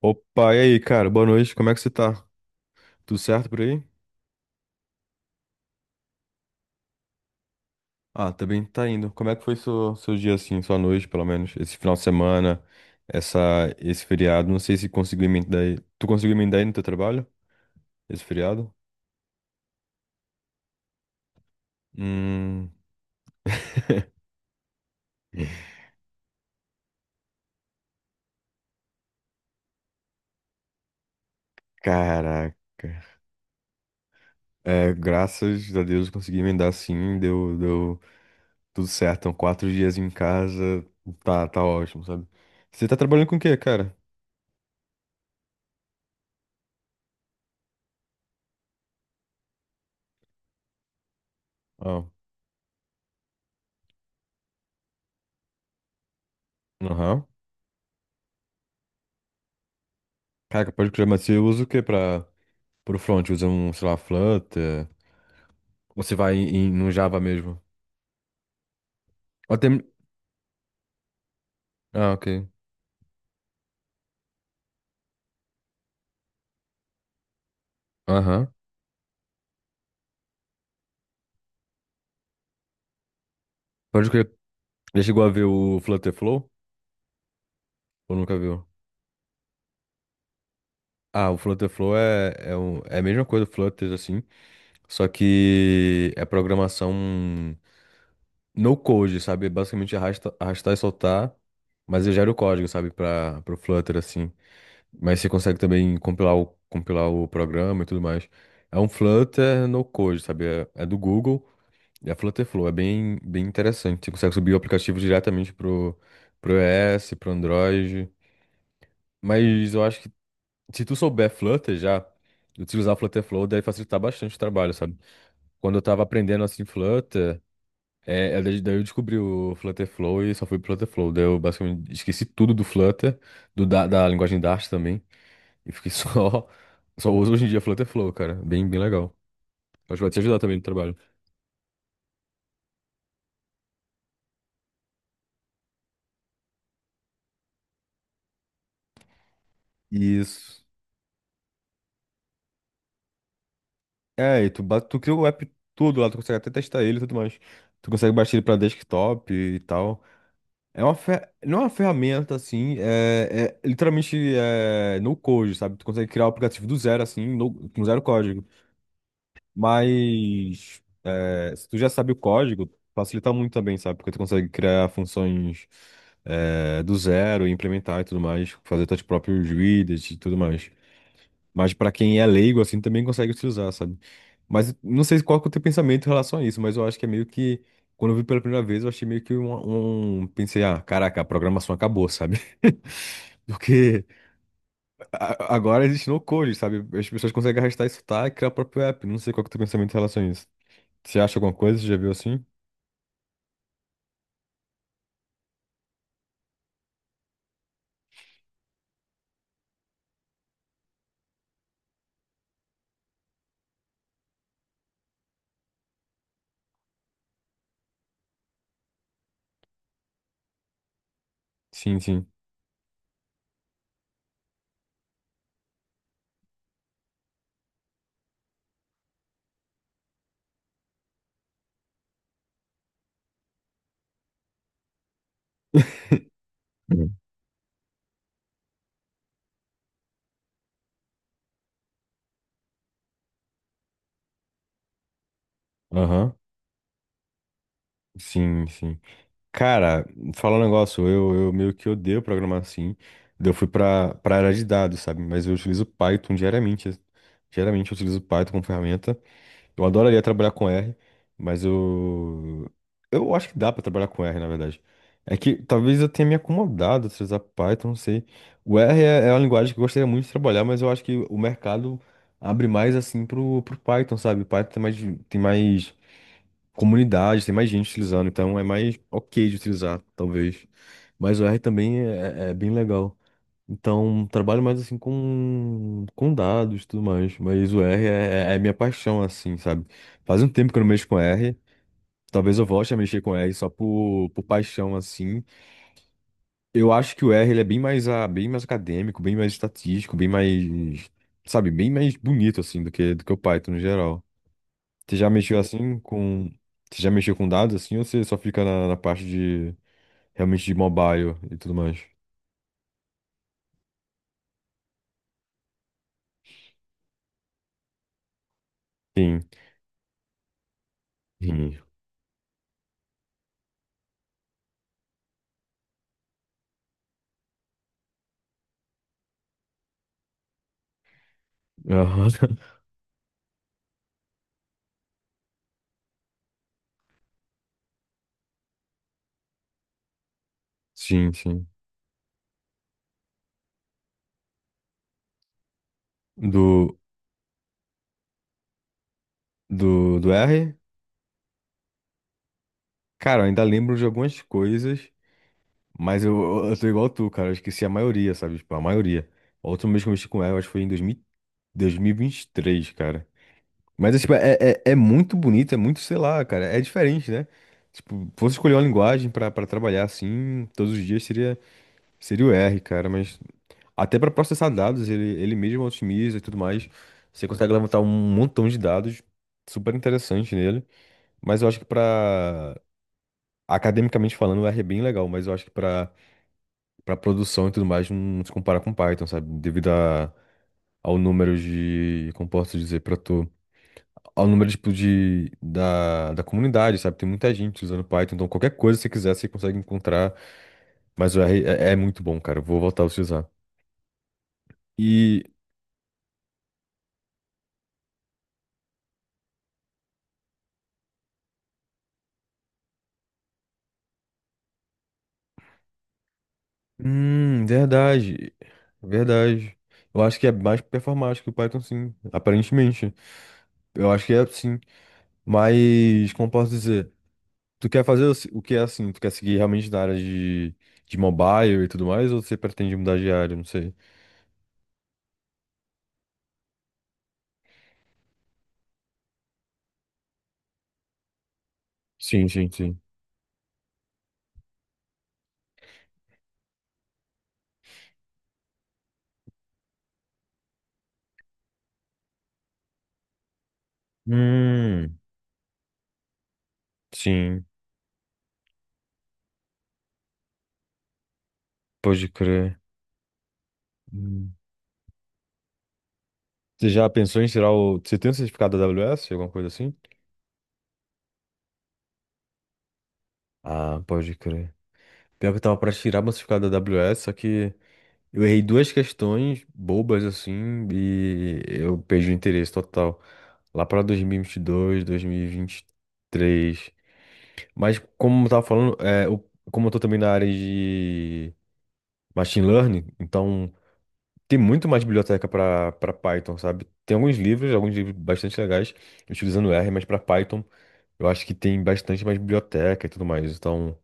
Opa, e aí, cara? Boa noite, como é que você tá? Tudo certo por aí? Ah, também tá indo. Como é que foi seu dia assim, sua noite, pelo menos? Esse final de semana, essa, esse feriado. Não sei se conseguiu emendar aí. Tu conseguiu emendar aí no teu trabalho? Esse feriado? Hum, caraca. É, graças a Deus eu consegui emendar sim, deu tudo certo. Então, 4 dias em casa, tá ótimo, sabe? Você tá trabalhando com o quê, cara? Ah, aham. Caraca, pode crer, mas você usa o quê pra. Pro front, usa um, sei lá, Flutter. Ou você vai em, no Java mesmo? Até... Ah, ok. Aham. Pode crer. Já chegou a ver o Flutter Flow? Ou nunca viu? Ah, o Flutter Flow é, é a mesma coisa do Flutter, assim. Só que é programação no code, sabe? Basicamente arrastar e soltar. Mas eu gero o código, sabe? Para o Flutter, assim. Mas você consegue também compilar o programa e tudo mais. É um Flutter no code, sabe? É do Google. E a Flutterflow é bem interessante. Você consegue subir o aplicativo diretamente pro iOS, pro Android. Mas eu acho que se tu souber Flutter já, utilizar Flutterflow deve facilitar bastante o trabalho, sabe? Quando eu tava aprendendo assim Flutter, daí eu descobri o Flutterflow e só fui pro Flutterflow. Daí eu basicamente esqueci tudo do Flutter, da linguagem Dart também. E fiquei só. Só uso hoje em dia Flutterflow, cara. Bem legal. Acho que vai te ajudar também no trabalho. Isso. É, e tu cria o app tudo lá, tu consegue até testar ele e tudo mais. Tu consegue baixar ele pra desktop e tal. É uma fer... Não é uma ferramenta assim, é literalmente é, no code, sabe? Tu consegue criar o aplicativo do zero, assim, com zero código. Mas é, se tu já sabe o código, facilita muito também, sabe? Porque tu consegue criar funções do zero, implementar e tudo mais, fazer teus próprios widgets e tudo mais. Mas pra quem é leigo, assim, também consegue utilizar, sabe? Mas não sei qual que é o teu pensamento em relação a isso, mas eu acho que é meio que. Quando eu vi pela primeira vez, eu achei meio que pensei, ah, caraca, a programação acabou, sabe? Porque agora existe no code, sabe? As pessoas conseguem arrastar isso, tá? E criar o próprio app. Não sei qual que é o teu pensamento em relação a isso. Você acha alguma coisa? Você já viu assim? Sim, sim. Uhum. Aham. Sim, sim. Cara, falar um negócio, eu meio que odeio programar assim. Daí eu fui pra área de dados, sabe? Mas eu utilizo Python diariamente. Diariamente eu utilizo Python como ferramenta. Eu adoraria trabalhar com R, mas eu. Eu acho que dá pra trabalhar com R, na verdade. É que talvez eu tenha me acomodado a utilizar Python, não sei. O R é uma linguagem que eu gostaria muito de trabalhar, mas eu acho que o mercado abre mais assim pro Python, sabe? Python tem mais comunidade, tem mais gente utilizando, então é mais ok de utilizar, talvez. Mas o R também é bem legal. Então, trabalho mais assim com dados e tudo mais. Mas o R é minha paixão, assim, sabe? Faz um tempo que eu não mexo com R. Talvez eu volte a mexer com R só por paixão, assim. Eu acho que o R ele é bem mais acadêmico, bem mais estatístico, bem mais, sabe, bem mais bonito, assim, do que o Python no geral. Você já mexeu assim com. Você já mexeu com dados assim ou você só fica na parte de. Realmente de mobile e tudo mais? Sim. Sim. Aham. Sim, sim. Do, do R? Cara, eu ainda lembro de algumas coisas, mas eu tô igual tu, cara. Eu esqueci a maioria, sabe? Tipo, a maioria. A última vez que eu mexi com R, eu acho que foi em 2000, 2023, cara. Mas é, tipo, é muito bonito, é muito, sei lá, cara. É diferente, né? Tipo, fosse escolher uma linguagem pra trabalhar assim, todos os dias seria. Seria o R, cara, mas até para processar dados, ele mesmo otimiza e tudo mais. Você consegue levantar um montão de dados, super interessante nele. Mas eu acho que para academicamente falando, o R é bem legal, mas eu acho que para produção e tudo mais não se compara com Python, sabe? Devido a, ao número de, como posso dizer, para tu, ao número tipo de da comunidade, sabe? Tem muita gente usando Python, então qualquer coisa que você quiser, você consegue encontrar. Mas o R é muito bom, cara. Eu vou voltar a utilizar. E hum, verdade. Verdade. Eu acho que é mais performático que o Python, sim. Aparentemente. Eu acho que é sim. Mas, como posso dizer? Tu quer fazer o se- o que é assim? Tu quer seguir realmente na área de mobile e tudo mais? Ou você pretende mudar de área? Não sei. Sim, sim, sim. Hum, sim. Pode crer. Hum. Você já pensou em tirar o. Você tem um certificado da AWS? Alguma coisa assim? Ah, pode crer. Pior que eu tava pra tirar meu certificado da AWS, só que. Eu errei duas questões bobas assim e eu perdi o interesse total. Lá para 2022, 2023. Mas como eu tava falando, é, como eu tô também na área de machine learning, então tem muito mais biblioteca para Python, sabe? Tem alguns livros bastante legais utilizando R, mas para Python eu acho que tem bastante mais biblioteca e tudo mais. Então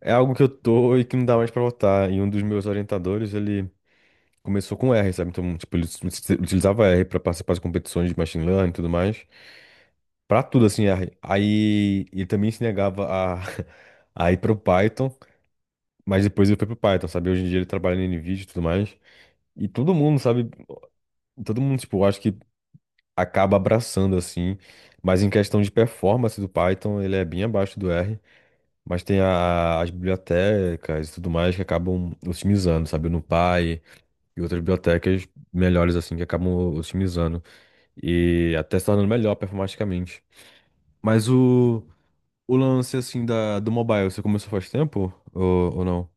é algo que eu tô e que não dá mais para voltar. E um dos meus orientadores, ele começou com R, sabe? Então, tipo, ele utilizava R para participar de competições de machine learning e tudo mais. Pra tudo, assim, R. Aí ele também se negava a, a ir pro Python, mas depois ele foi pro Python, sabe? Hoje em dia ele trabalha na NVIDIA e tudo mais. E todo mundo, sabe? Todo mundo, tipo, eu acho que acaba abraçando, assim. Mas em questão de performance do Python, ele é bem abaixo do R. Mas tem as bibliotecas e tudo mais que acabam otimizando, sabe? O NumPy e outras bibliotecas melhores, assim, que acabam otimizando. E até se tornando melhor performaticamente. Mas o lance, assim, da, do mobile, você começou faz tempo? Ou não?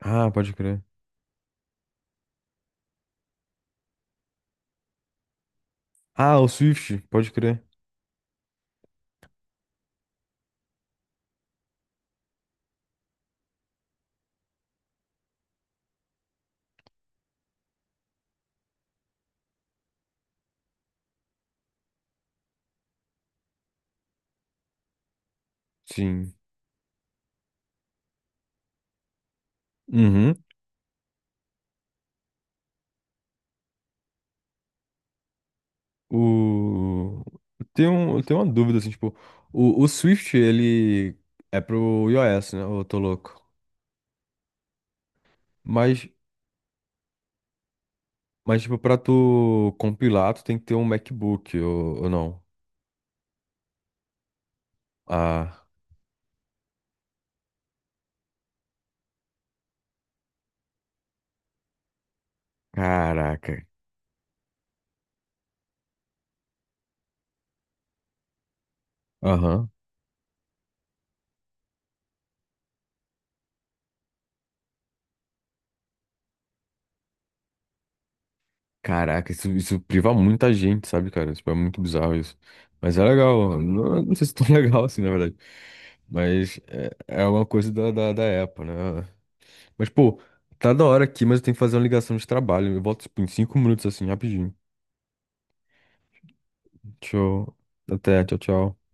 Ah, pode crer. Ah, o Swift, pode crer. Sim. Uhum. O... tem tem uma dúvida, assim, tipo, o Swift, ele é pro iOS, né? Ou eu tô louco. Mas, mas, tipo, pra tu compilar, tu tem que ter um MacBook, ou não? Ah, caraca. Aham. Caraca, isso priva muita gente, sabe, cara? Tipo, é muito bizarro isso. Mas é legal. Não, não sei se é tão legal assim, na verdade. Mas é uma coisa da Apple, né? Mas, pô, tá da hora aqui, mas eu tenho que fazer uma ligação de trabalho. Eu volto, tipo, em 5 minutos, assim, rapidinho. Show. Até, tchau, tchau.